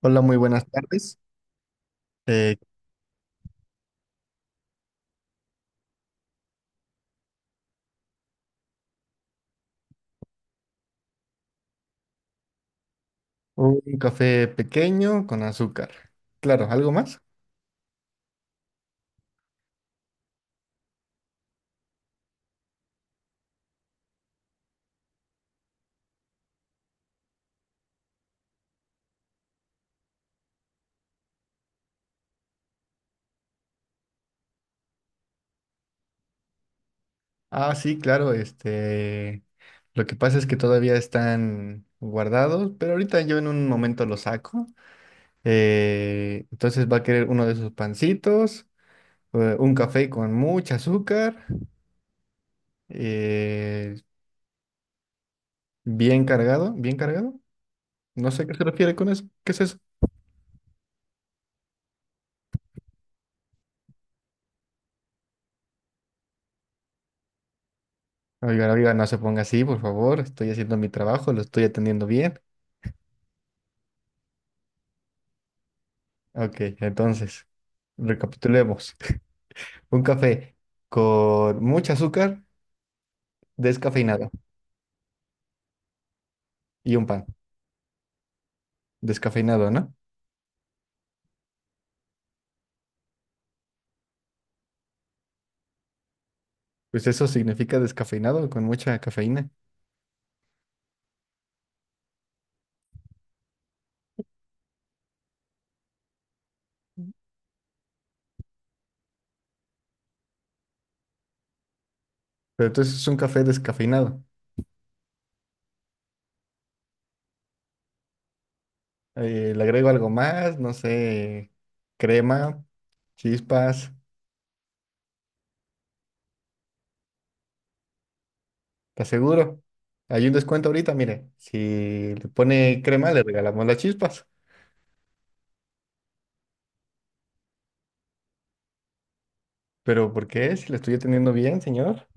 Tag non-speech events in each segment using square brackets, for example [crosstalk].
Hola, muy buenas tardes. Eh, un café pequeño con azúcar. Claro, ¿algo más? Ah, sí, claro, lo que pasa es que todavía están guardados, pero ahorita yo en un momento los saco. Entonces va a querer uno de esos pancitos, un café con mucho azúcar, eh, bien cargado, bien cargado. No sé a qué se refiere con eso. ¿Qué es eso? Oiga, oiga, no se ponga así, por favor. Estoy haciendo mi trabajo, lo estoy atendiendo bien. Ok, entonces, recapitulemos. [laughs] Un café con mucho azúcar, descafeinado, y un pan, descafeinado, ¿no? Pues eso significa descafeinado, con mucha cafeína. Pero entonces es un café descafeinado. Le agrego algo más, no sé, crema, chispas, te aseguro. Hay un descuento ahorita, mire, si le pone crema le regalamos las chispas. Pero ¿por qué? Si le estoy atendiendo bien, señor.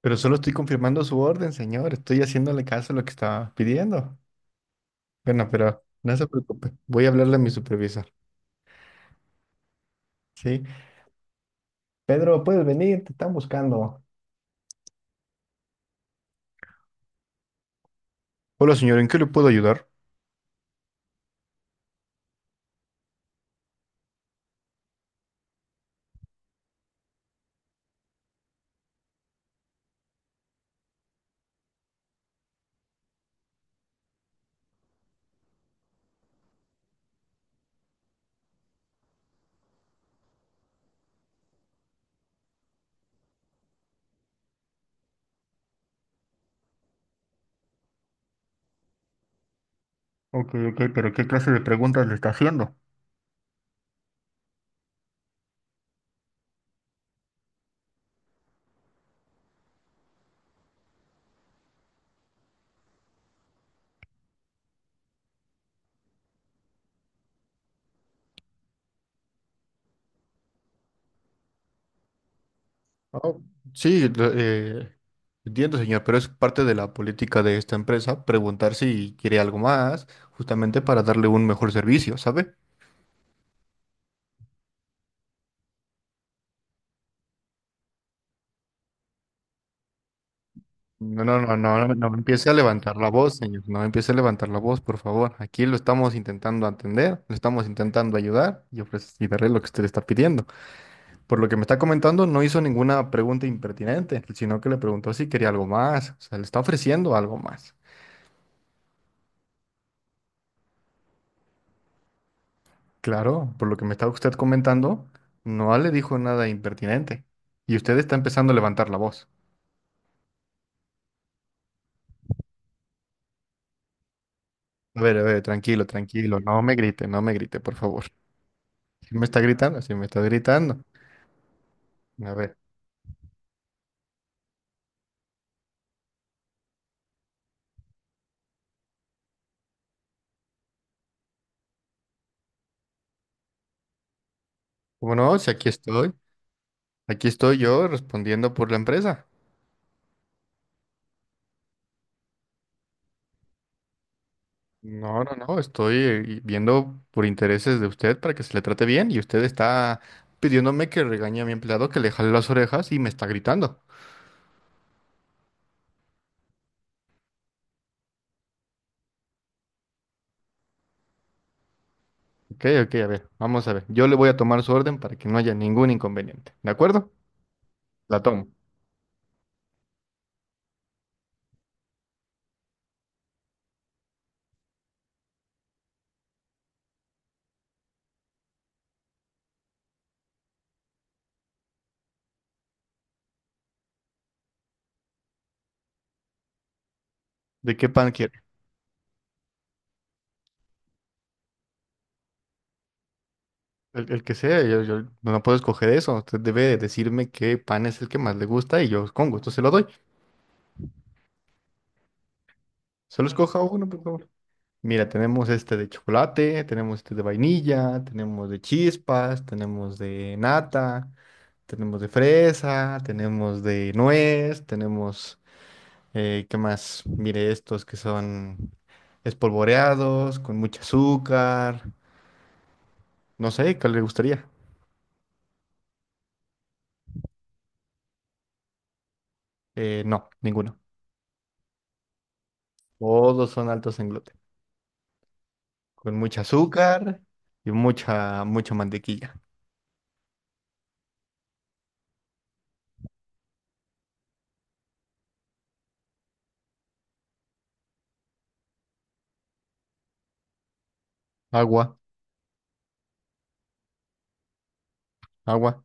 Pero solo estoy confirmando su orden, señor. Estoy haciéndole caso a lo que estaba pidiendo. Bueno, pero no se preocupe. Voy a hablarle a mi supervisor. Sí. Pedro, puedes venir, te están buscando. Hola, señor, ¿en qué le puedo ayudar? Ok, ok, pero ¿qué clase de preguntas le está haciendo? Oh, sí, entiendo, señor, pero es parte de la política de esta empresa preguntar si quiere algo más, justamente para darle un mejor servicio, ¿sabe? No, no, no, no, no, no empiece a levantar la voz, señor. No empiece a levantar la voz, por favor. Aquí lo estamos intentando atender, lo estamos intentando ayudar y ofrecerle y darle lo que usted le está pidiendo. Por lo que me está comentando, no hizo ninguna pregunta impertinente, sino que le preguntó si quería algo más. O sea, le está ofreciendo algo más. Claro, por lo que me está usted comentando, no le dijo nada impertinente. Y usted está empezando a levantar la voz. A ver, tranquilo, tranquilo. No me grite, no me grite, por favor. Si me está gritando, si me está gritando. A ver. ¿Como no? Si aquí estoy, aquí estoy yo respondiendo por la empresa. No, no, no, estoy viendo por intereses de usted para que se le trate bien y usted está pidiéndome que regañe a mi empleado, que le jale las orejas y me está gritando. Ok, ok, a ver, vamos a ver. Yo le voy a tomar su orden para que no haya ningún inconveniente. ¿De acuerdo? La tomo. ¿De qué pan quiere? El que sea, yo no puedo escoger eso. Usted debe decirme qué pan es el que más le gusta y yo con gusto se lo doy. Solo escoja uno, por favor. Mira, tenemos este de chocolate, tenemos este de vainilla, tenemos de chispas, tenemos de nata, tenemos de fresa, tenemos de nuez, tenemos, ¿qué más? Mire, estos que son espolvoreados, con mucho azúcar. No sé, ¿cuál le gustaría? No, ninguno. Todos son altos en gluten, con mucho azúcar y mucha, mucha mantequilla. Agua, agua.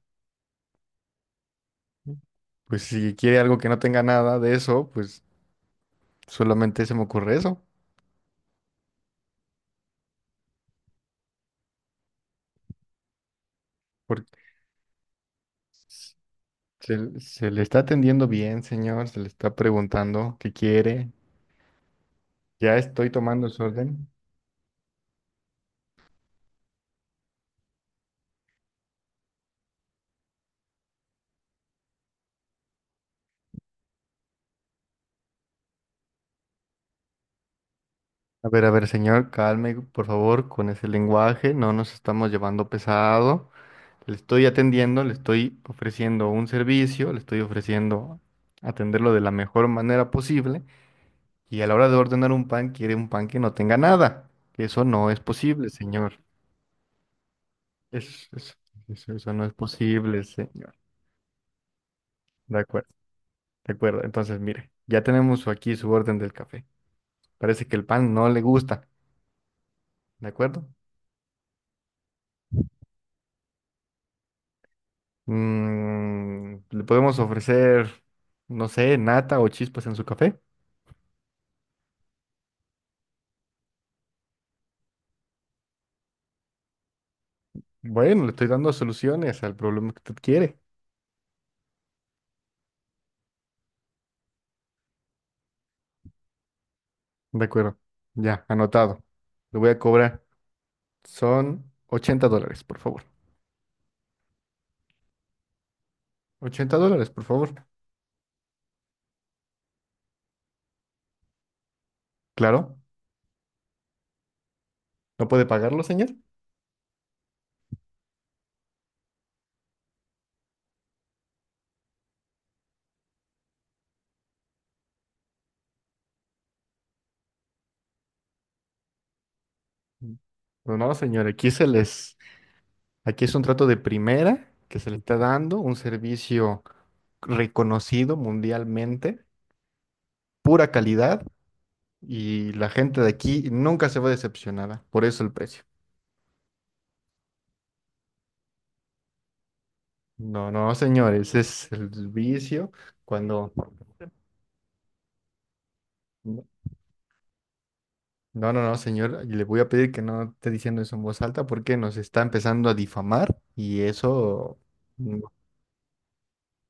Pues si quiere algo que no tenga nada de eso, solamente se me ocurre eso, porque s- se le está atendiendo bien, señor, se le está preguntando qué quiere. Ya estoy tomando su orden. A ver, señor, calme, por favor, con ese lenguaje, no nos estamos llevando pesado. Le estoy atendiendo, le estoy ofreciendo un servicio, le estoy ofreciendo atenderlo de la mejor manera posible. Y a la hora de ordenar un pan, quiere un pan que no tenga nada. Eso no es posible, señor. Eso, eso no es posible, señor. De acuerdo. De acuerdo, entonces mire, ya tenemos aquí su orden del café. Parece que el pan no le gusta, ¿de acuerdo? Mm, le podemos ofrecer, no sé, nata o chispas en su café. Bueno, le estoy dando soluciones al problema que usted quiere. De acuerdo, ya, anotado. Le voy a cobrar. Son $80, por favor. $80, por favor. Claro, ¿no puede pagarlo, señor? No, señor, aquí se les. Aquí es un trato de primera que se le está dando, un servicio reconocido mundialmente, pura calidad y la gente de aquí nunca se va decepcionada, por eso el precio. No, no, señor, ese es el vicio cuando. No, no, no, señor, le voy a pedir que no esté diciendo eso en voz alta porque nos está empezando a difamar y eso.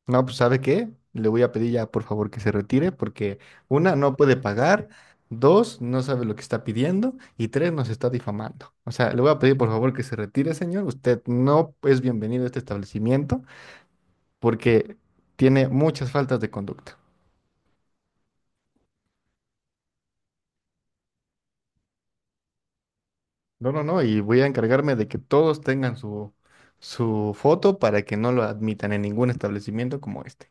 No, pues ¿sabe qué? Le voy a pedir ya, por favor, que se retire porque una, no puede pagar, dos, no sabe lo que está pidiendo y tres, nos está difamando. O sea, le voy a pedir, por favor, que se retire, señor. Usted no es bienvenido a este establecimiento porque tiene muchas faltas de conducta. No, no, no, y voy a encargarme de que todos tengan su, su foto para que no lo admitan en ningún establecimiento como este.